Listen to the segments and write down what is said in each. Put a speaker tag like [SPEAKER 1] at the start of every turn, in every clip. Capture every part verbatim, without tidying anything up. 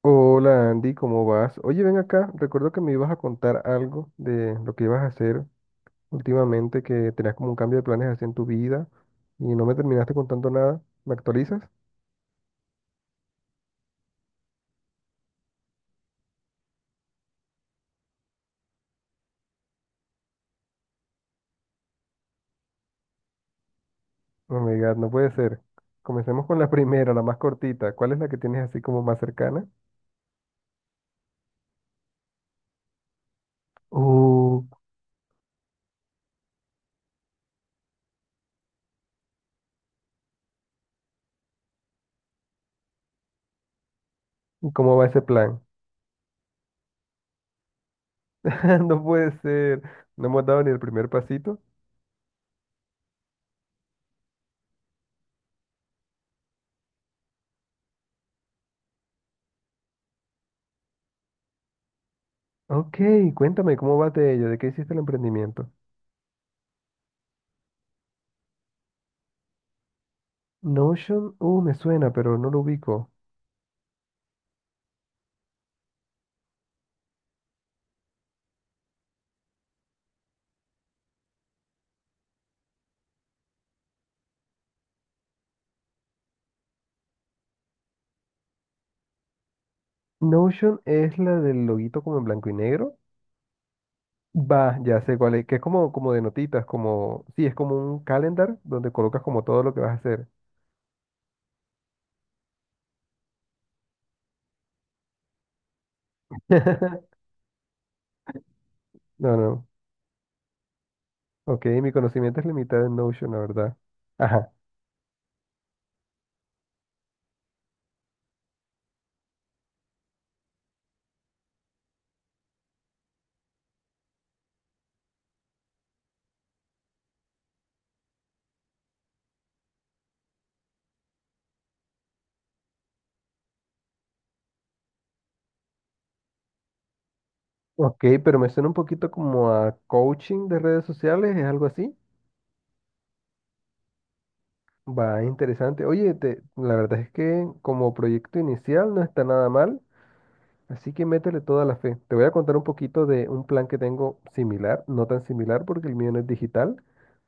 [SPEAKER 1] Hola Andy, ¿cómo vas? Oye, ven acá, recuerdo que me ibas a contar algo de lo que ibas a hacer últimamente, que tenías como un cambio de planes así en tu vida y no me terminaste contando nada. ¿Me actualizas? Oh my God, no puede ser. Comencemos con la primera, la más cortita. ¿Cuál es la que tienes así como más cercana? Uh, ¿y cómo va ese plan? No puede ser. No hemos dado ni el primer pasito. Ok, cuéntame, ¿cómo va de ella? ¿De qué hiciste el emprendimiento? Notion, uh, me suena, pero no lo ubico. Notion es la del loguito como en blanco y negro. Va, ya sé cuál es, que es como, como de notitas, como, sí, es como un calendar donde colocas como todo lo que vas a hacer. No, no. Ok, mi conocimiento es limitado en Notion, la verdad. Ajá. Ok, pero me suena un poquito como a coaching de redes sociales, es algo así. Va, interesante. Oye, te- la verdad es que como proyecto inicial no está nada mal, así que métele toda la fe. Te voy a contar un poquito de un plan que tengo similar, no tan similar porque el mío no es digital,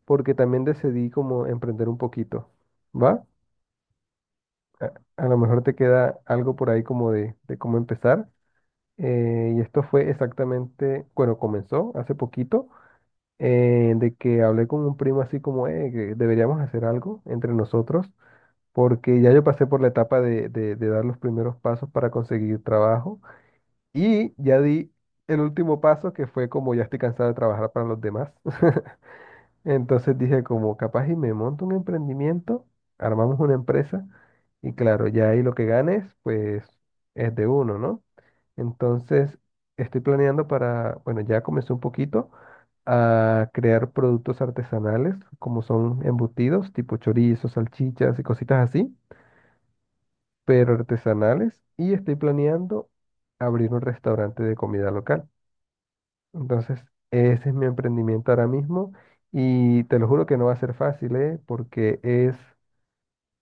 [SPEAKER 1] porque también decidí como emprender un poquito, ¿va? A, a lo mejor te queda algo por ahí como de, de cómo empezar. Eh, y esto fue exactamente, bueno, comenzó hace poquito, eh, de que hablé con un primo así como, eh, que deberíamos hacer algo entre nosotros, porque ya yo pasé por la etapa de, de, de dar los primeros pasos para conseguir trabajo y ya di el último paso que fue como ya estoy cansado de trabajar para los demás. Entonces dije, como capaz y me monto un emprendimiento, armamos una empresa y claro, ya ahí lo que ganes, pues es de uno, ¿no? Entonces estoy planeando para, bueno, ya comencé un poquito a crear productos artesanales, como son embutidos, tipo chorizos, salchichas y cositas así, pero artesanales, y estoy planeando abrir un restaurante de comida local. Entonces, ese es mi emprendimiento ahora mismo y te lo juro que no va a ser fácil, ¿eh? Porque es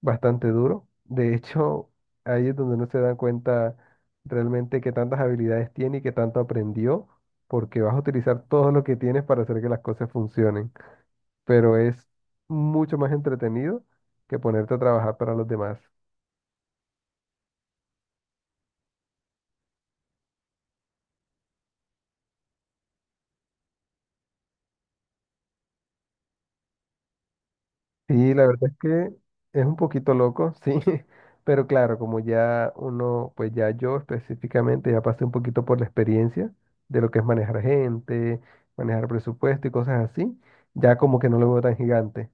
[SPEAKER 1] bastante duro. De hecho, ahí es donde no se dan cuenta realmente qué tantas habilidades tiene y qué tanto aprendió, porque vas a utilizar todo lo que tienes para hacer que las cosas funcionen. Pero es mucho más entretenido que ponerte a trabajar para los demás. Sí, la verdad es que es un poquito loco, sí, pero claro, como ya uno, pues ya yo específicamente ya pasé un poquito por la experiencia de lo que es manejar gente, manejar presupuesto y cosas así, ya como que no lo veo tan gigante.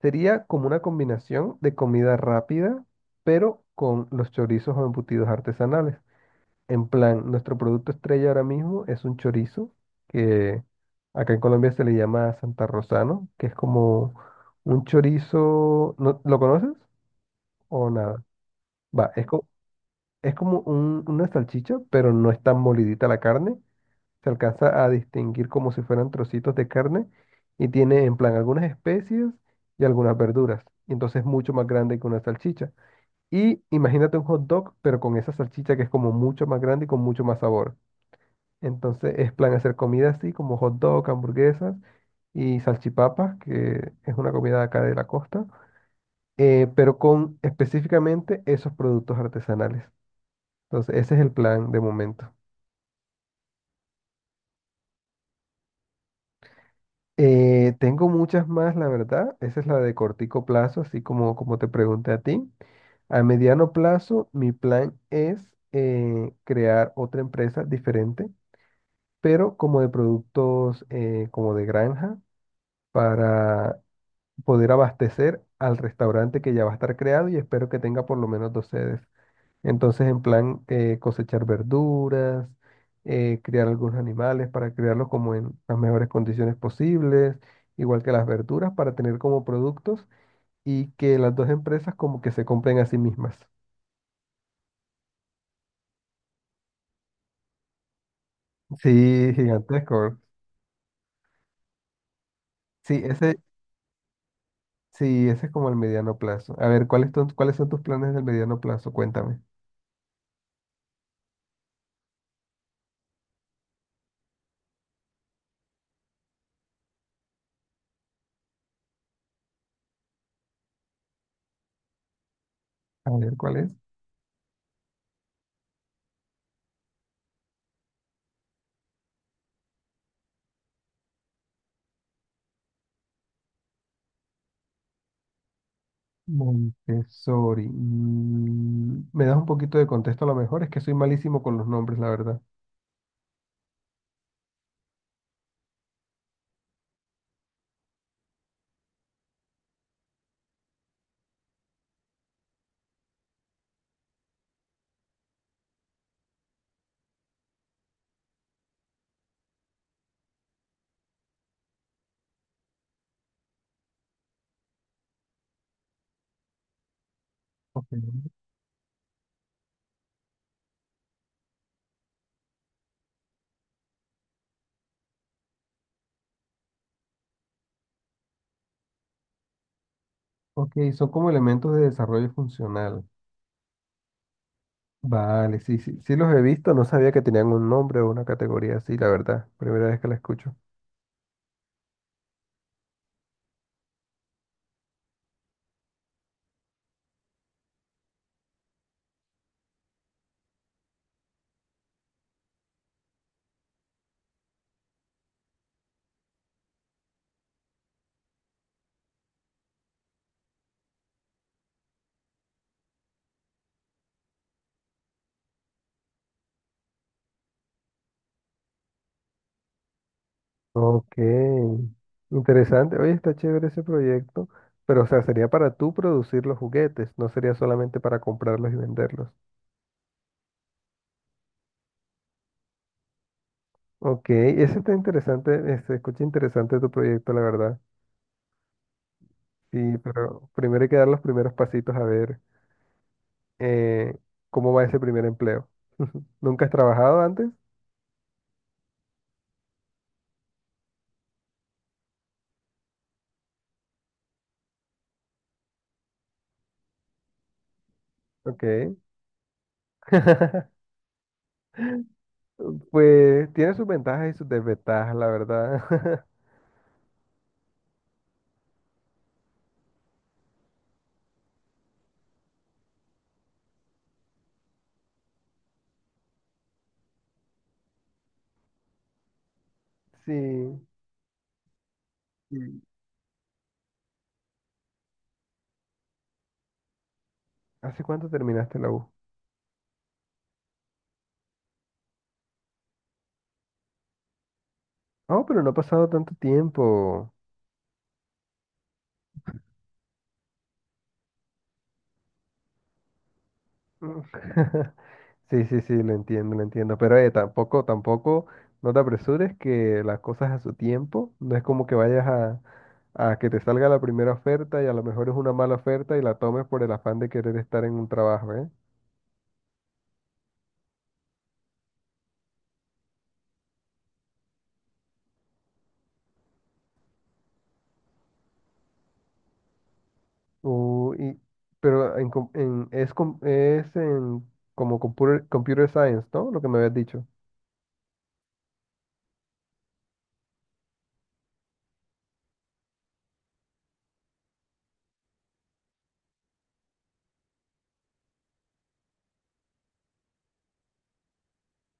[SPEAKER 1] Sería como una combinación de comida rápida, pero con los chorizos o embutidos artesanales. En plan, nuestro producto estrella ahora mismo es un chorizo, que acá en Colombia se le llama Santa Rosano, que es como un chorizo, ¿no, lo conoces o nada? Va, es, co- es como un- una salchicha, pero no es tan molidita la carne, se alcanza a distinguir como si fueran trocitos de carne y tiene en plan algunas especies y algunas verduras, y entonces es mucho más grande que una salchicha. Y imagínate un hot dog, pero con esa salchicha que es como mucho más grande y con mucho más sabor. Entonces es plan hacer comida así como hot dog, hamburguesas y salchipapas, que es una comida de acá de la costa, eh, pero con específicamente esos productos artesanales. Entonces ese es el plan de momento. Eh, tengo muchas más, la verdad. Esa es la de cortico plazo, así como, como te pregunté a ti. A mediano plazo, mi plan es eh, crear otra empresa diferente, pero como de productos eh, como de granja para poder abastecer al restaurante que ya va a estar creado y espero que tenga por lo menos dos sedes. Entonces, en plan, eh, cosechar verduras, eh, criar algunos animales para criarlos como en las mejores condiciones posibles, igual que las verduras para tener como productos y que las dos empresas como que se compren a sí mismas. Sí, gigantesco. Sí, ese, sí, ese es como el mediano plazo. A ver, ¿cuáles son, ¿cuáles son tus planes del mediano plazo? Cuéntame. A ver, ¿cuál es? Montessori. Mm, ¿me das un poquito de contexto a lo mejor? Es que soy malísimo con los nombres, la verdad. Ok. Ok, son como elementos de desarrollo funcional. Vale, sí, sí, sí los he visto, no sabía que tenían un nombre o una categoría así, la verdad. Primera vez que la escucho. Ok, interesante. Oye, está chévere ese proyecto, pero o sea, sería para tú producir los juguetes, no sería solamente para comprarlos y venderlos. Ok, ese está interesante, eh, se escucha interesante tu proyecto, la verdad. Sí, pero primero hay que dar los primeros pasitos a ver eh, cómo va ese primer empleo. ¿Nunca has trabajado antes? Ok. Pues tiene sus ventajas y sus desventajas, la verdad. Sí. Sí. ¿Hace cuánto terminaste la U? Oh, pero no ha pasado tanto tiempo. Mm. Sí, sí, sí, lo entiendo, lo entiendo. Pero eh, tampoco, tampoco, no te apresures que las cosas a su tiempo. No es como que vayas a, a que te salga la primera oferta y a lo mejor es una mala oferta y la tomes por el afán de querer estar en un trabajo, ¿eh? O- y, pero en, com- en- es, com- es en, como computer, computer science, ¿no? Lo que me habías dicho.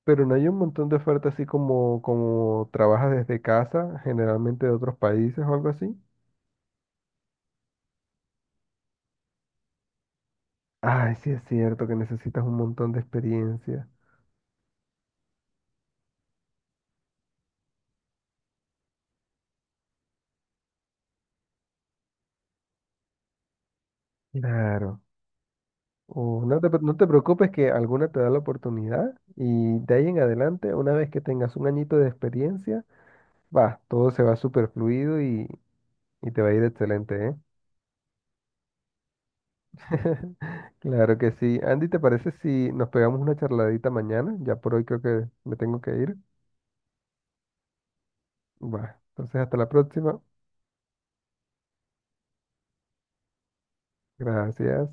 [SPEAKER 1] Pero no hay un montón de ofertas así como, como trabajas desde casa, generalmente de otros países o algo así. Ay, sí es cierto que necesitas un montón de experiencia. Claro. O no te, pre- no te preocupes que alguna te da la oportunidad y de ahí en adelante, una vez que tengas un añito de experiencia, va, todo se va súper fluido y, y te va a ir excelente, ¿eh? Claro que sí. Andy, ¿te parece si nos pegamos una charladita mañana? Ya por hoy creo que me tengo que ir. Va, entonces hasta la próxima. Gracias.